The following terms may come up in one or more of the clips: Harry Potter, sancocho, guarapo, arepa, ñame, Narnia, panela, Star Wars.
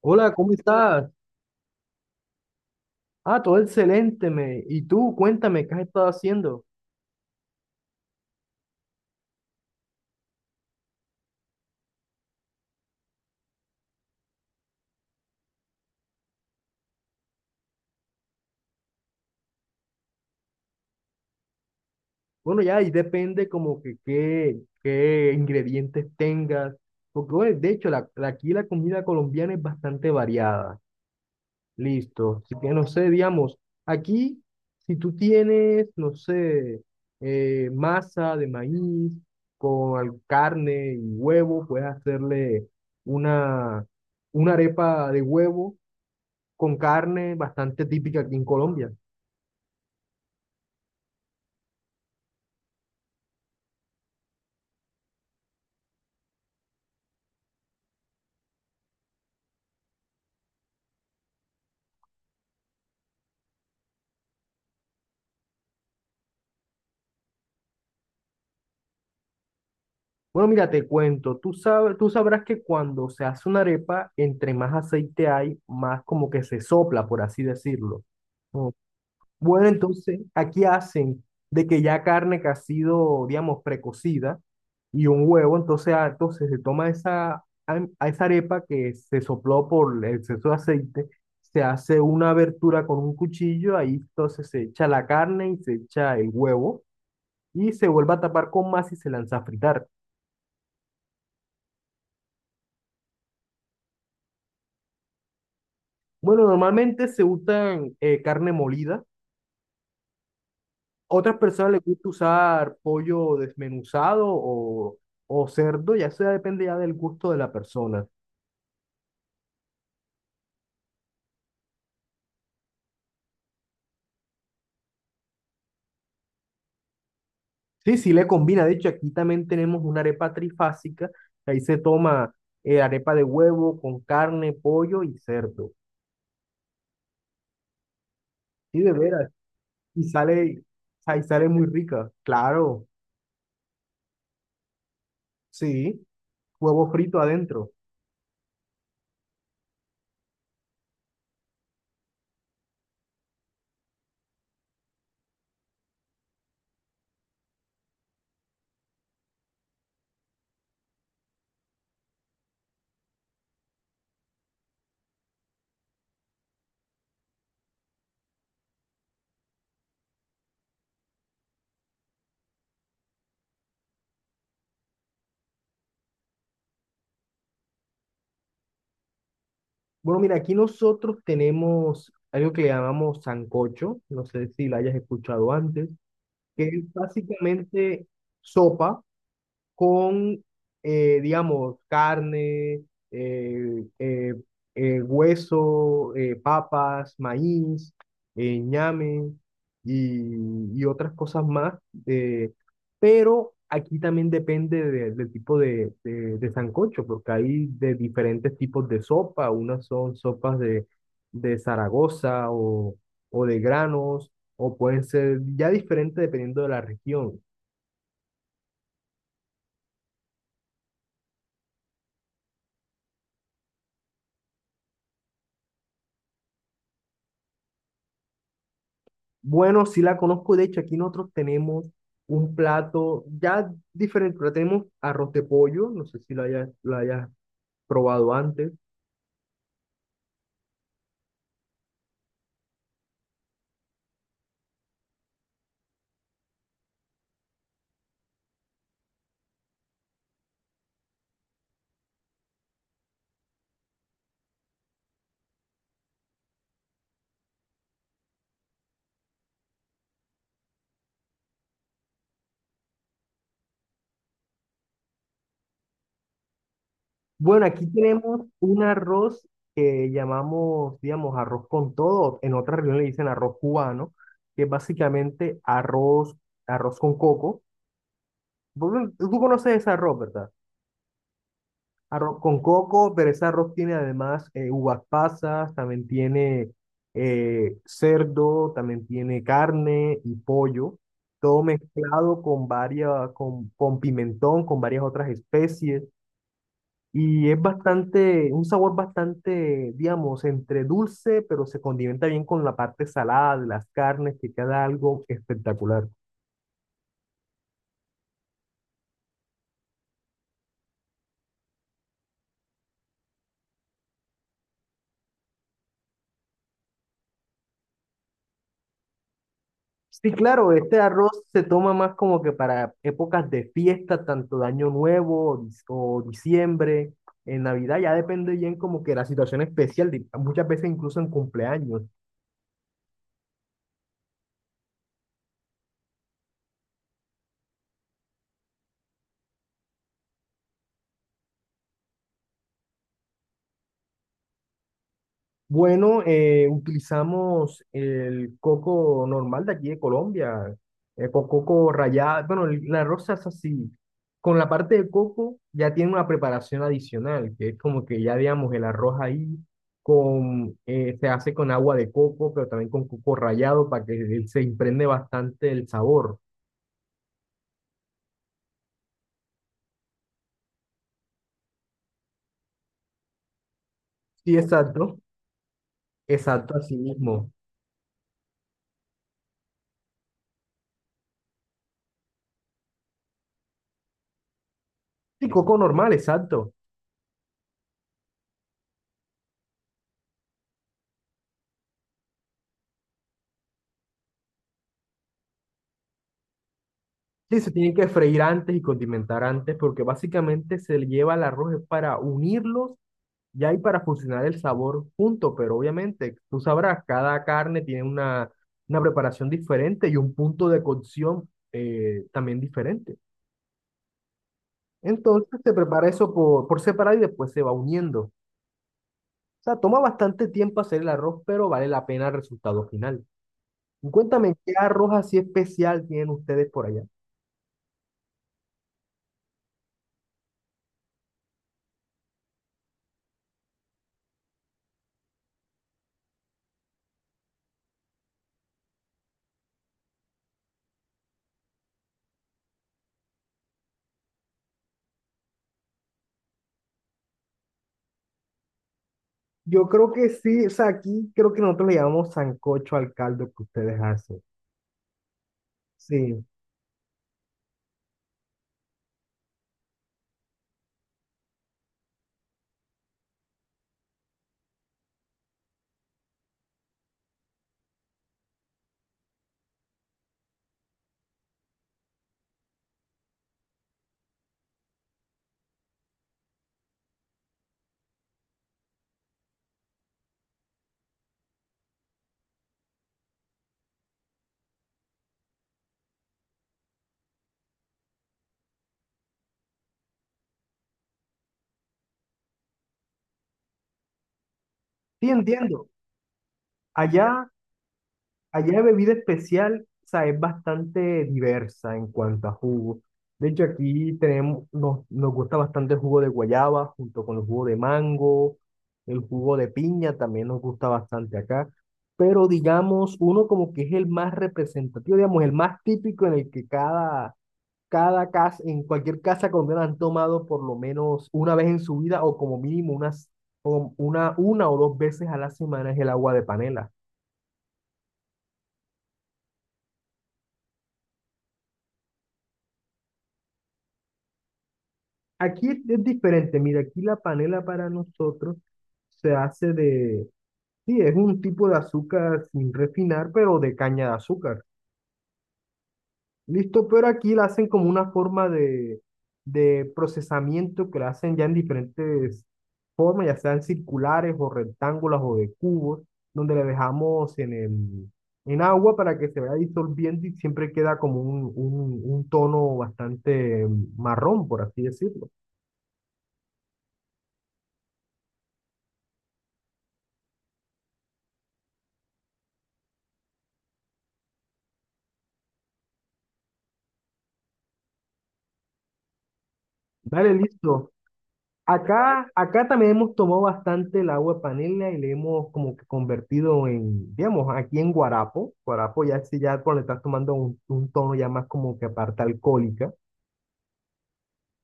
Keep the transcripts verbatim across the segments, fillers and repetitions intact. Hola, ¿cómo estás? Ah, todo excelente, me. Y tú, cuéntame, ¿qué has estado haciendo? Bueno, ya, ahí depende como que qué, qué ingredientes tengas. Porque, bueno, de hecho, la, la- aquí la comida colombiana es bastante variada. Listo. Así que, no sé, digamos, aquí, si tú tienes, no sé, eh, masa de maíz con al- carne y huevo, puedes hacerle una, una arepa de huevo con carne bastante típica aquí en Colombia. Bueno, mira, te cuento, tú sabes, tú sabrás que cuando se hace una arepa, entre más aceite hay, más como que se sopla, por así decirlo. Oh, bueno, entonces aquí hacen de que ya carne que ha sido, digamos, precocida y un huevo, entonces, ah, entonces se toma esa, a a esa arepa que se sopló por el exceso de aceite, se hace una abertura con un cuchillo, ahí entonces se echa la carne y se echa el huevo y se vuelve a tapar con más y se lanza a fritar. Bueno, normalmente se usan eh, carne molida. Otras personas les gusta usar pollo desmenuzado o, o cerdo, ya eso ya depende ya del gusto de la persona. Sí, sí le combina. De hecho, aquí también tenemos una arepa trifásica. Ahí se toma eh, arepa de huevo con carne, pollo y cerdo. Sí, de veras. Y sale, ahí sale muy rica. Claro, sí. Huevo frito adentro. Bueno, mira, aquí nosotros tenemos algo que le llamamos sancocho, no sé si lo hayas escuchado antes, que es básicamente sopa, con, eh, digamos, carne, eh, eh, eh, hueso, eh, papas, maíz, eh, ñame y, y otras cosas más. eh, pero aquí también depende de- del tipo de, de, de sancocho, porque hay de diferentes tipos de sopa. Unas son sopas de, de Zaragoza o, o de granos, o pueden ser ya diferentes dependiendo de la región. Bueno, sí la conozco. De hecho, aquí nosotros tenemos un plato ya diferente, pero tenemos arroz de pollo. No sé si lo hayas, lo hayas probado antes. Bueno, aquí tenemos un arroz que llamamos, digamos, arroz con todo. En otra región le dicen arroz cubano, que es básicamente arroz, arroz con coco. Vos- Tú conoces ese arroz, ¿verdad? Arroz con coco, pero ese arroz tiene además eh, uvas pasas, también tiene eh, cerdo, también tiene carne y pollo, todo mezclado con varias, con, con pimentón, con varias otras especies. Y es bastante, un sabor bastante, digamos, entre dulce, pero se condimenta bien con la parte salada de las carnes, que queda algo espectacular. Sí, claro, este arroz se toma más como que para épocas de fiesta, tanto de Año Nuevo o, dis- o diciembre, en Navidad, ya depende bien como que la situación especial, de- muchas veces incluso en cumpleaños. Bueno, eh, utilizamos el coco normal de aquí de Colombia, eh, con coco rallado, bueno, el- la rosa es así. Con la parte de coco ya tiene una preparación adicional, que es como que ya digamos el arroz ahí con, eh, se hace con agua de coco, pero también con coco rallado para que él se impregne bastante el sabor. Sí, exacto, exacto, así mismo. Sí, coco normal, exacto. Sí, se tienen que freír antes y condimentar antes porque básicamente se le lleva el arroz es para unirlos ya y para fusionar el sabor junto, pero obviamente tú sabrás, cada carne tiene una, una preparación diferente y un punto de cocción eh, también diferente. Entonces se prepara eso por, por separado y después se va uniendo. O sea, toma bastante tiempo hacer el arroz, pero vale la pena el resultado final. Y cuéntame, ¿qué arroz así especial tienen ustedes por allá? Yo creo que sí, o sea, aquí creo que nosotros le llamamos sancocho al caldo que ustedes hacen. Sí, sí entiendo. Allá, allá de bebida especial, o sea, es bastante diversa en cuanto a jugo. De hecho, aquí tenemos, nos, nos gusta bastante el jugo de guayaba junto con el jugo de mango, el jugo de piña también nos gusta bastante acá. Pero digamos, uno como que es el más representativo, digamos, el más típico en el que cada cada casa, en cualquier casa colombiana han tomado por lo menos una vez en su vida o como mínimo unas, o una, una o dos veces a la semana es el agua de panela. Aquí es, es diferente, mira, aquí la panela para nosotros se hace de, sí, es un tipo de azúcar sin refinar, pero de caña de azúcar. Listo, pero aquí la hacen como una forma de, de procesamiento que la hacen ya en diferentes formas, ya sean circulares o rectángulos o de cubos, donde le dejamos en el, en agua para que se vaya disolviendo y siempre queda como un, un, un tono bastante marrón, por así decirlo. Dale, listo. Acá, acá también hemos tomado bastante el agua de panela y le hemos como que convertido en, digamos, aquí en guarapo. Guarapo ya si ya cuando le estás tomando un, un tono ya más como que aparte alcohólica.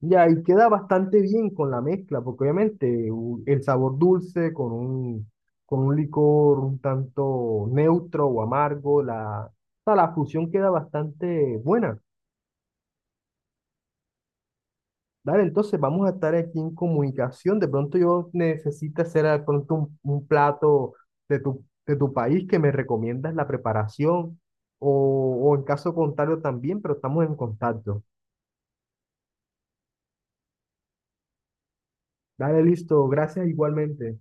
Ya, y queda bastante bien con la mezcla, porque obviamente u- el sabor dulce con un, con un licor un tanto neutro o amargo, la, o sea, la fusión queda bastante buena. Dale, entonces vamos a estar aquí en comunicación. De pronto yo necesito hacer de pronto un, un plato de tu, de tu país que me recomiendas la preparación o, o en caso contrario también, pero estamos en contacto. Dale, listo. Gracias igualmente.